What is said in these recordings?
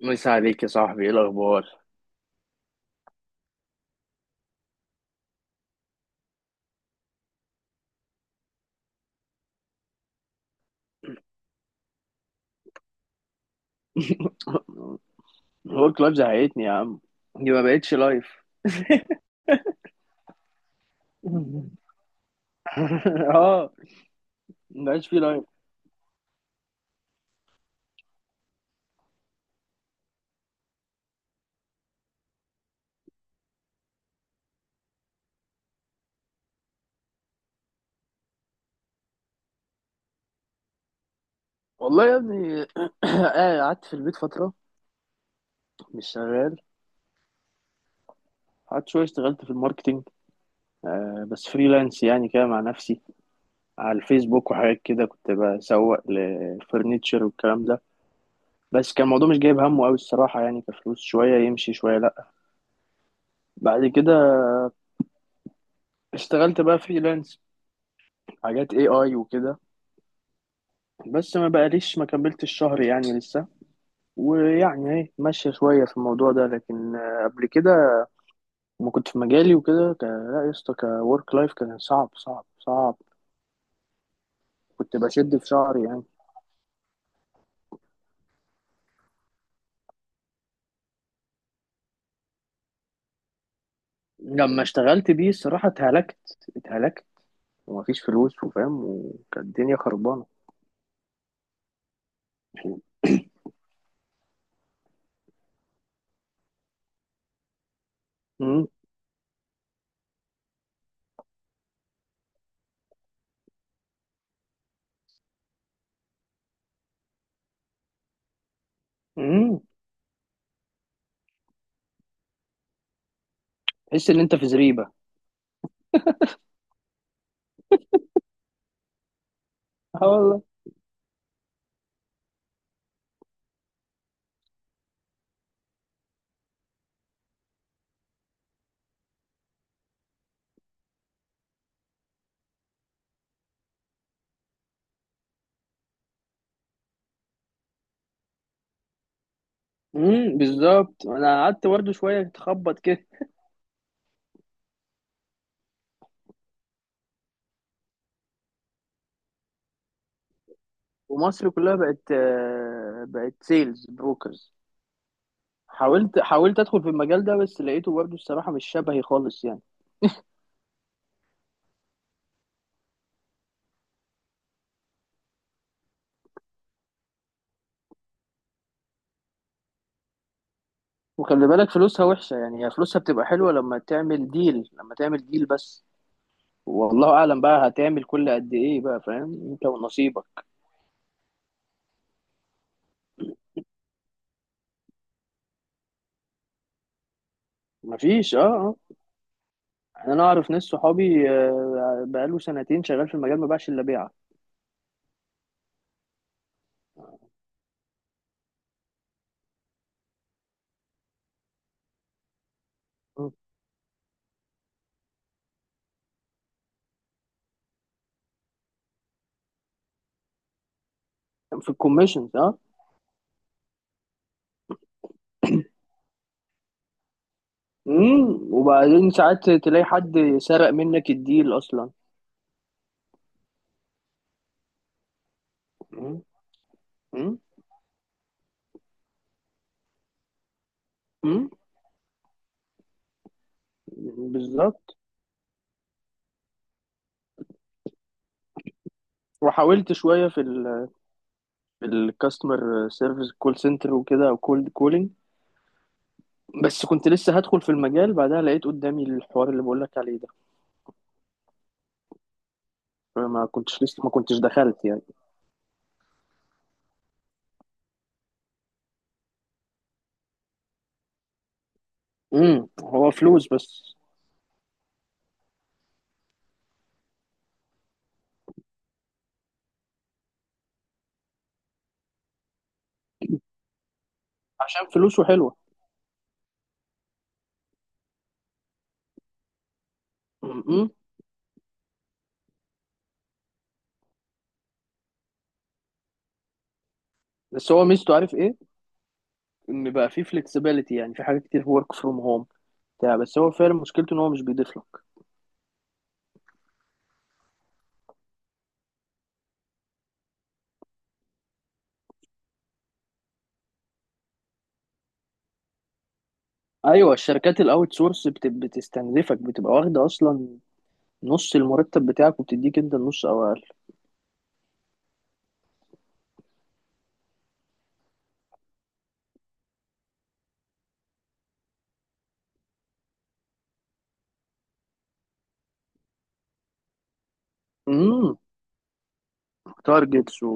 مسا عليك يا صاحبي، ايه الاخبار؟ هو كلاب زهقتني يا عم. دي ما بقتش لايف. اه، ما بقاش في لايف. والله يا ابني، قعدت في البيت فتره مش شغال. قعدت شويه اشتغلت في الماركتينج، آه بس فريلانس يعني كده مع نفسي على الفيسبوك وحاجات كده. كنت بسوق لفرنتشر والكلام ده، بس كان الموضوع مش جايب همه قوي الصراحه، يعني كفلوس شويه يمشي شويه لا. بعد كده اشتغلت بقى فريلانس، حاجات اي اي وكده، بس ما بقاليش، ما كملتش الشهر يعني لسه. ويعني ايه، ماشية شوية في الموضوع ده، لكن قبل كده ما كنت في مجالي وكده، لا يا اسطى، كورك لايف كان صعب صعب صعب. كنت بشد في شعري يعني. لما اشتغلت بيه الصراحة اتهلكت، اتهلكت، ومفيش فلوس وفاهم، وكانت الدنيا خربانة. امم امم، تحس ان انت في زريبة. اه والله. امم، بالظبط. انا قعدت برضه شوية تخبط كده. ومصر كلها بقت، بقت سيلز بروكرز. حاولت حاولت ادخل في المجال ده، بس لقيته برضه الصراحه مش شبهي خالص يعني. وخلي بالك فلوسها وحشه، يعني هي فلوسها بتبقى حلوه لما تعمل ديل، لما تعمل ديل بس. والله اعلم بقى هتعمل كل قد ايه، بقى فاهم، انت ونصيبك. مفيش، اه اه. يعني انا اعرف ناس صحابي، بقاله سنتين شغال في المجال، ما باعش الا بيعه. مم. في الكوميشنز، اه. امم، وبعدين ساعات تلاقي حد سرق منك الديل اصلا. امم امم، بالظبط. وحاولت شويه في الكاستمر سيرفيس، كول سنتر وكده، او كولد كولينج. بس كنت لسه هدخل في المجال، بعدها لقيت قدامي الحوار اللي بقول لك عليه ده. فما كنتش، لسه ما كنتش دخلت يعني. امم، هو فلوس بس. عشان فلوسه حلوه. امم. بس هو ميزته، عارف ايه؟ ان بقى فيه فلكسبيليتي، يعني في حاجات كتير ورك فروم هوم بتاع، بس هو فعلا مشكلته ان هو مش بيضيف لك. ايوه، الشركات الاوت سورس بتستنزفك، بتبقى واخده اصلا نص المرتب بتاعك، وبتديك انت النص او اقل. امم، تارجتس و،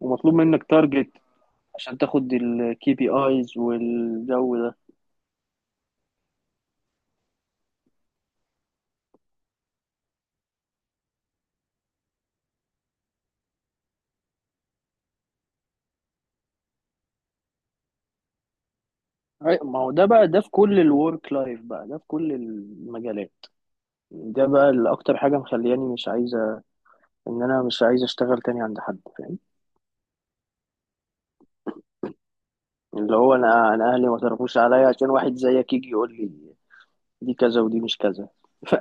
ومطلوب منك تارجت عشان تاخد الكي بي ايز والجو ده. ما هو ده بقى، ده في كل الورك لايف بقى، ده في كل المجالات. ده بقى اللي اكتر حاجه مخلياني مش عايزه ان انا مش عايز اشتغل تاني عند حد، فاهم؟ اللي هو انا اهلي ما صرفوش عليا عشان واحد زيك يجي يقول لي دي كذا ودي مش كذا. ف...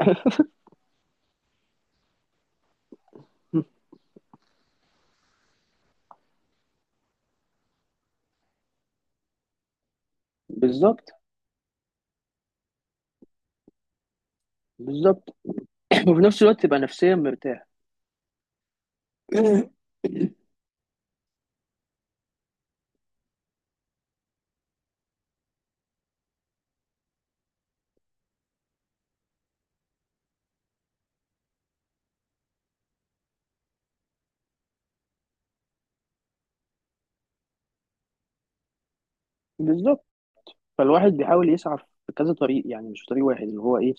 بالظبط، بالظبط. وفي نفس الوقت تبقى نفسيا مرتاح. بالظبط. فالواحد بيحاول يسعى في كذا طريق، يعني مش طريق واحد، اللي هو ايه،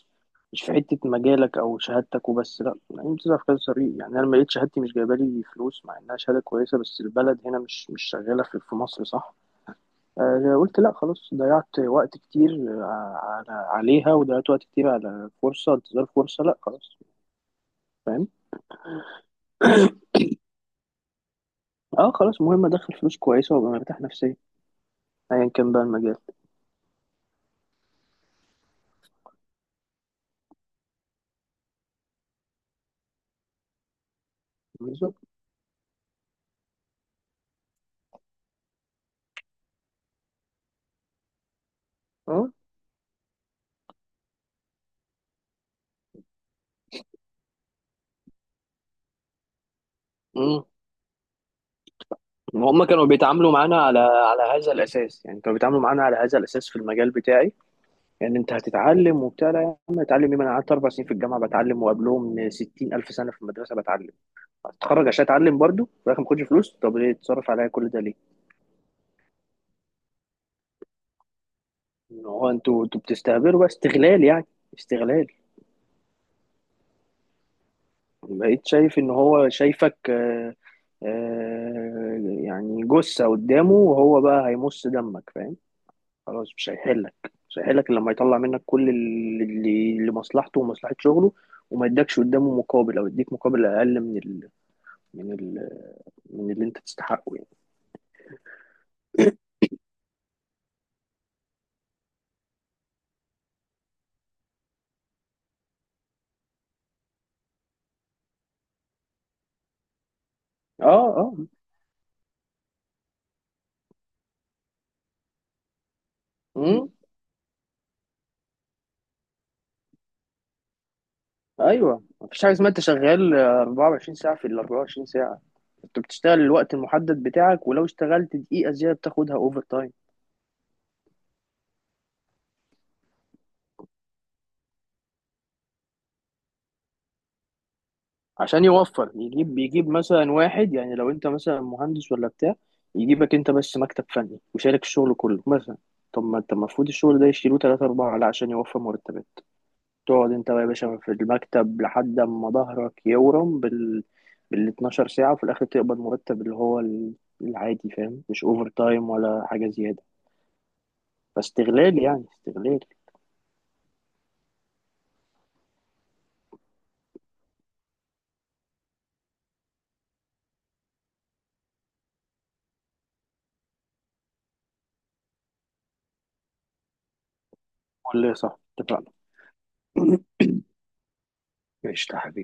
مش في حتة مجالك أو شهادتك وبس، لأ، يعني بتسعى في كذا طريق. يعني أنا لما لقيت شهادتي مش جايبة لي فلوس، مع إنها شهادة كويسة، بس البلد هنا مش شغالة في مصر، صح؟ قلت لأ خلاص، ضيعت وقت كتير على عليها، وضيعت وقت كتير على فرصة، انتظار فرصة، لأ خلاص، فاهم. اه خلاص، المهم أدخل فلوس كويسة وأبقى مرتاح نفسيا، أيا كان بقى المجال. بالظبط. اه، ما هم كانوا بيتعاملوا معانا على على هذا الاساس، يعني كانوا بيتعاملوا معانا على هذا الاساس في المجال بتاعي. يعني انت هتتعلم وبتاع، لا يا عم، اتعلم ايه، ما انا قعدت اربع سنين في الجامعه بتعلم، وقبلهم 60000 الف سنه في المدرسه بتعلم. هتتخرج عشان اتعلم برضو في الاخر ما اخدش فلوس، طب ليه تصرف عليا كل ده ليه؟ ان هو انتوا بتستهبلوا بقى، استغلال يعني، استغلال. بقيت شايف ان هو شايفك يعني جثه قدامه، وهو بقى هيمص دمك، فاهم. خلاص مش هيحلك، مش هيحلك إلا لما يطلع منك كل اللي اللي مصلحته ومصلحة شغله، وما يدكش قدامه مقابل، او يديك مقابل اقل من ال... من اللي انت تستحقه يعني. اه اه. امم. ايوه مفيش حاجه اسمها انت شغال 24 ساعه في ال 24 ساعه. انت بتشتغل الوقت المحدد بتاعك، ولو اشتغلت دقيقه زياده بتاخدها اوفر تايم. عشان يوفر، يجيب يجيب مثلا واحد، يعني لو انت مثلا مهندس ولا بتاع، يجيبك انت بس مكتب فني وشارك الشغل كله مثلا. طب ما انت المفروض الشغل ده يشيلوه تلاتة أربعة، لا، عشان يوفر مرتبات تقعد انت بقى يا باشا في المكتب لحد ما ظهرك يورم بال 12 ساعة، وفي الآخر تقبض مرتب اللي هو العادي، فاهم، مش أوفر تايم ولا حاجة زيادة. فاستغلال يعني استغلال. قول لي صح، اتفقنا. ماشي يا حبيبي.